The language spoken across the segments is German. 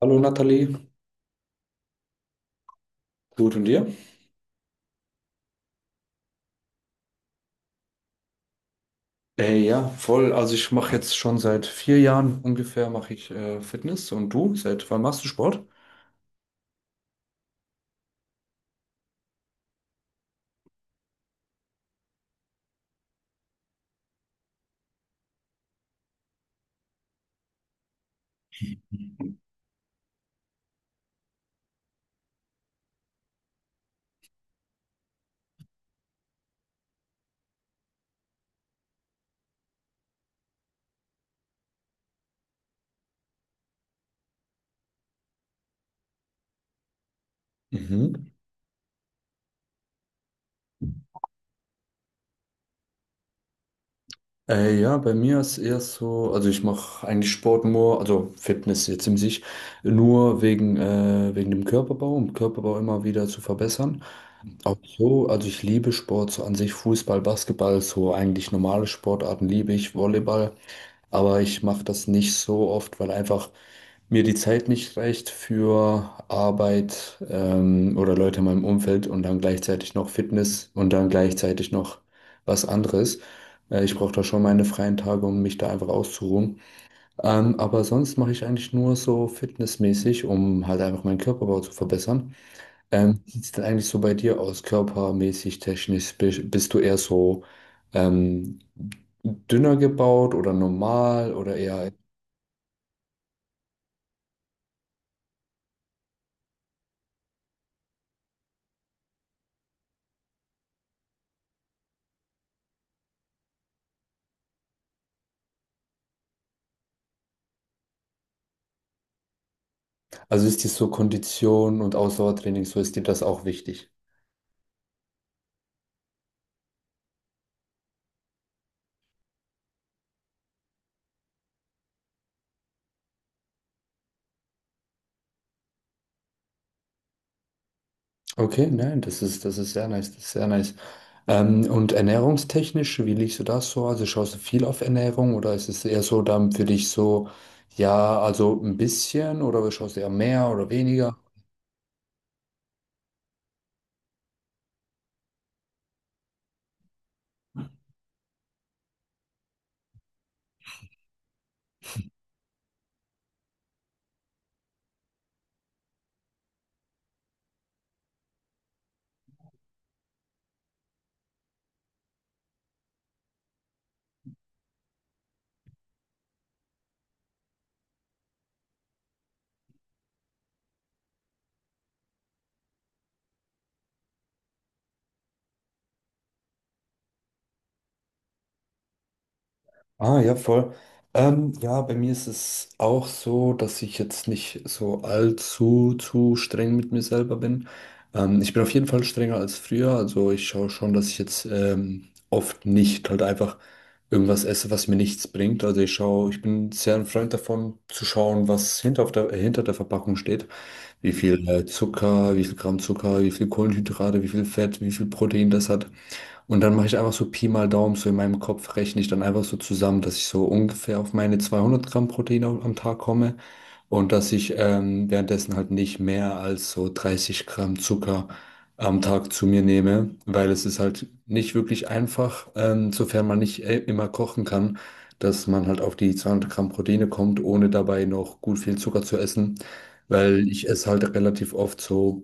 Hallo Nathalie, gut und dir? Ja, voll. Also ich mache jetzt schon seit 4 Jahren ungefähr mache ich Fitness und du? Seit wann machst du Sport? Mhm. Ja, bei mir ist eher so, also ich mache eigentlich Sport nur, also Fitness jetzt im sich, nur wegen, wegen dem Körperbau, um Körperbau immer wieder zu verbessern. Auch so, also ich liebe Sport so an sich, Fußball, Basketball, so eigentlich normale Sportarten liebe ich, Volleyball. Aber ich mache das nicht so oft, weil einfach mir die Zeit nicht reicht für Arbeit oder Leute in meinem Umfeld und dann gleichzeitig noch Fitness und dann gleichzeitig noch was anderes. Ich brauche da schon meine freien Tage, um mich da einfach auszuruhen. Aber sonst mache ich eigentlich nur so fitnessmäßig, um halt einfach meinen Körperbau zu verbessern. Wie sieht es denn eigentlich so bei dir aus, körpermäßig, technisch? Bist du eher so ähm, dünner gebaut oder normal oder eher, also ist dir so Kondition und Ausdauertraining, so ist dir das auch wichtig? Okay, nein, das ist sehr nice, das ist sehr nice. Und ernährungstechnisch, wie liegst du das so? Also schaust du viel auf Ernährung oder ist es eher so dann für dich so, ja, also ein bisschen oder schaust du eher mehr oder weniger? Ah, ja, voll. Ja, bei mir ist es auch so, dass ich jetzt nicht so allzu zu streng mit mir selber bin. Ich bin auf jeden Fall strenger als früher. Also ich schaue schon, dass ich jetzt oft nicht halt einfach irgendwas esse, was mir nichts bringt. Also ich schaue, ich bin sehr ein Freund davon, zu schauen, was hinter, auf der, hinter der Verpackung steht. Wie viel Zucker, wie viel Gramm Zucker, wie viel Kohlenhydrate, wie viel Fett, wie viel Protein das hat. Und dann mache ich einfach so Pi mal Daumen, so in meinem Kopf rechne ich dann einfach so zusammen, dass ich so ungefähr auf meine 200 Gramm Protein am Tag komme und dass ich währenddessen halt nicht mehr als so 30 Gramm Zucker am Tag zu mir nehme, weil es ist halt nicht wirklich einfach, sofern man nicht immer kochen kann, dass man halt auf die 200 Gramm Proteine kommt, ohne dabei noch gut viel Zucker zu essen, weil ich esse halt relativ oft so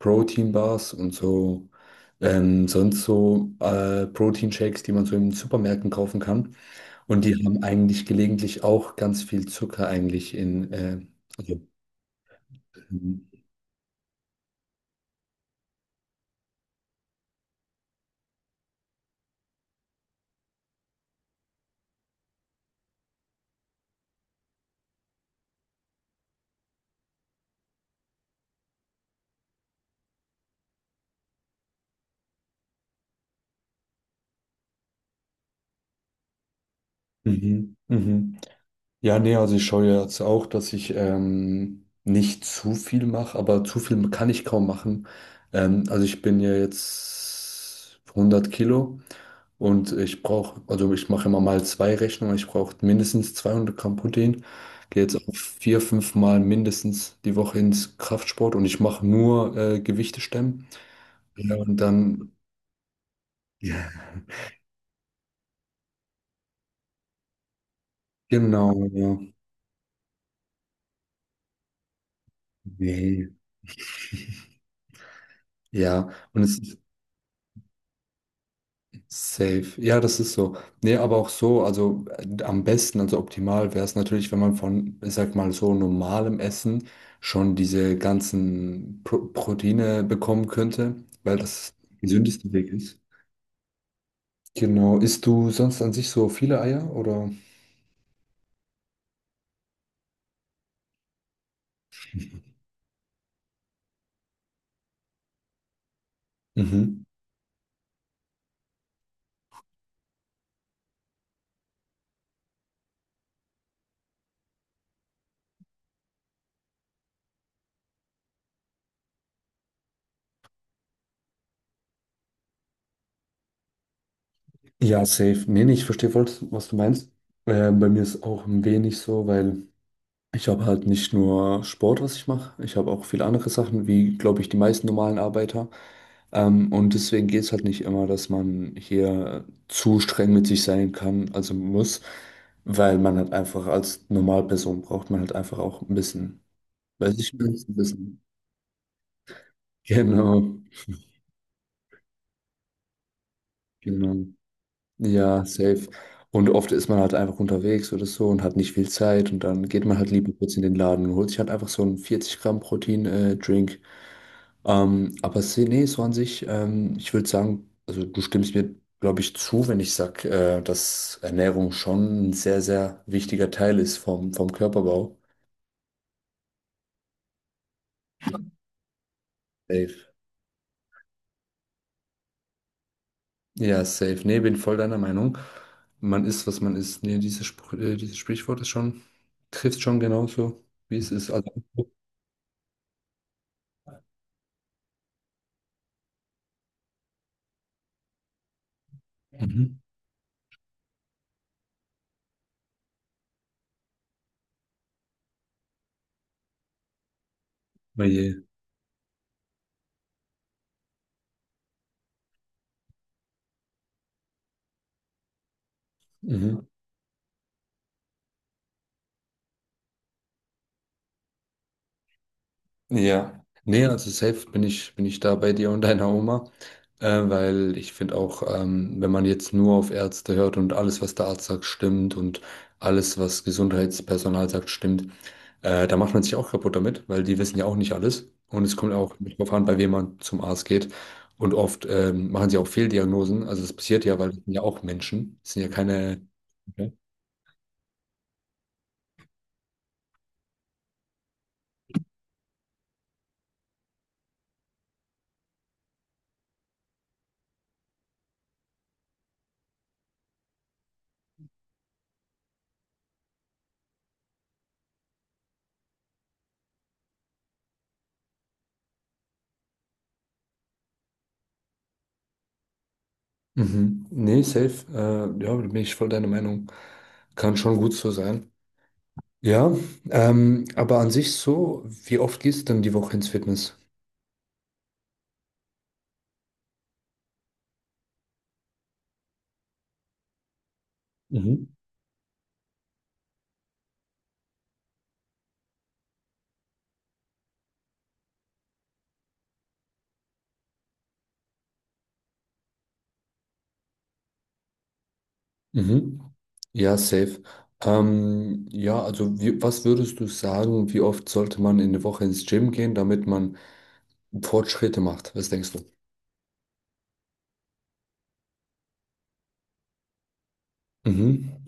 Proteinbars und so. Sonst so Proteinshakes, die man so in Supermärkten kaufen kann. Und die Mhm. haben eigentlich gelegentlich auch ganz viel Zucker eigentlich in. Also, mhm, mhm. Ja, nee, also ich schaue ja jetzt auch, dass ich nicht zu viel mache, aber zu viel kann ich kaum machen. Also ich bin ja jetzt 100 Kilo. Und ich brauche, also ich mache immer mal zwei Rechnungen. Ich brauche mindestens 200 Gramm Protein. Gehe jetzt auch vier, fünf Mal mindestens die Woche ins Kraftsport und ich mache nur Gewichte stemmen. Ja, und dann, ja, genau, ja. Nee. Ja, und es safe. Ja, das ist so. Nee, aber auch so, also am besten, also optimal wäre es natürlich, wenn man von, ich sag mal, so normalem Essen schon diese ganzen Proteine bekommen könnte, weil das der gesündeste Weg ist. Genau. Isst du sonst an sich so viele Eier oder? Mhm. Ja, safe. Nee, nee, ich verstehe voll, was du meinst. Bei mir ist auch ein wenig so, weil. Ich habe halt nicht nur Sport, was ich mache, ich habe auch viele andere Sachen, wie, glaube ich, die meisten normalen Arbeiter. Und deswegen geht es halt nicht immer, dass man hier zu streng mit sich sein kann, also muss, weil man halt einfach als Normalperson braucht man halt einfach auch ein bisschen, weiß ich nicht, ein bisschen. Genau, genau. Ja, safe. Und oft ist man halt einfach unterwegs oder so und hat nicht viel Zeit und dann geht man halt lieber kurz in den Laden und holt sich halt einfach so einen 40 Gramm Protein, Drink. Aber nee, so an sich, ich würde sagen, also du stimmst mir, glaube ich, zu, wenn ich sage, dass Ernährung schon ein sehr, sehr wichtiger Teil ist vom Körperbau. Safe. Ja, safe. Nee, bin voll deiner Meinung. Man isst, was man isst. Nee, dieses, Spr dieses Sprichwort ist schon, trifft schon genauso, wie es ist. Also, mhm. Oh je. Mhm. Ja, nee, also safe bin ich da bei dir und deiner Oma, weil ich finde auch, wenn man jetzt nur auf Ärzte hört und alles, was der Arzt sagt, stimmt und alles, was Gesundheitspersonal sagt, stimmt, da macht man sich auch kaputt damit, weil die wissen ja auch nicht alles und es kommt auch darauf an, bei wem man zum Arzt geht und oft machen sie auch Fehldiagnosen, also das passiert ja, weil das sind ja auch Menschen, das sind ja keine... Okay. Mhm. Nee, safe, ja, da bin ich voll deiner Meinung, kann schon gut so sein. Ja, aber an sich so, wie oft gehst du denn die Woche ins Fitness? Mhm. Mhm. Ja, safe. Ja, also wie, was würdest du sagen, wie oft sollte man in der Woche ins Gym gehen, damit man Fortschritte macht? Was denkst du? Mhm.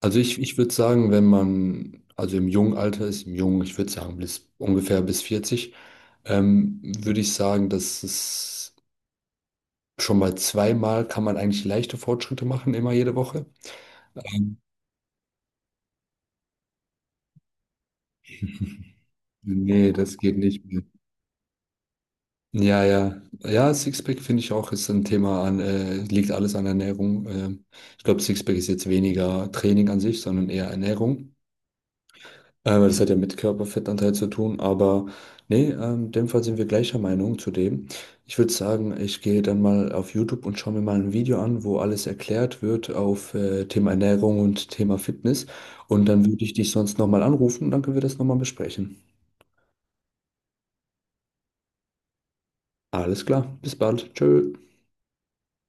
Also ich würde sagen, wenn man, also im jungen Alter ist, im jungen, ich würde sagen, bis ungefähr bis 40, würde ich sagen, dass es schon mal zweimal kann man eigentlich leichte Fortschritte machen, immer jede Woche. Ähm, Nee, das geht nicht mehr. Ja, ja. Ja, Sixpack finde ich auch, ist ein Thema an, liegt alles an Ernährung. Ich glaube, Sixpack ist jetzt weniger Training an sich, sondern eher Ernährung. Weil das hat ja mit Körperfettanteil zu tun. Aber nee, in dem Fall sind wir gleicher Meinung zu dem. Ich würde sagen, ich gehe dann mal auf YouTube und schaue mir mal ein Video an, wo alles erklärt wird auf Thema Ernährung und Thema Fitness. Und dann würde ich dich sonst nochmal anrufen und dann können wir das nochmal besprechen. Alles klar, bis bald. Tschö.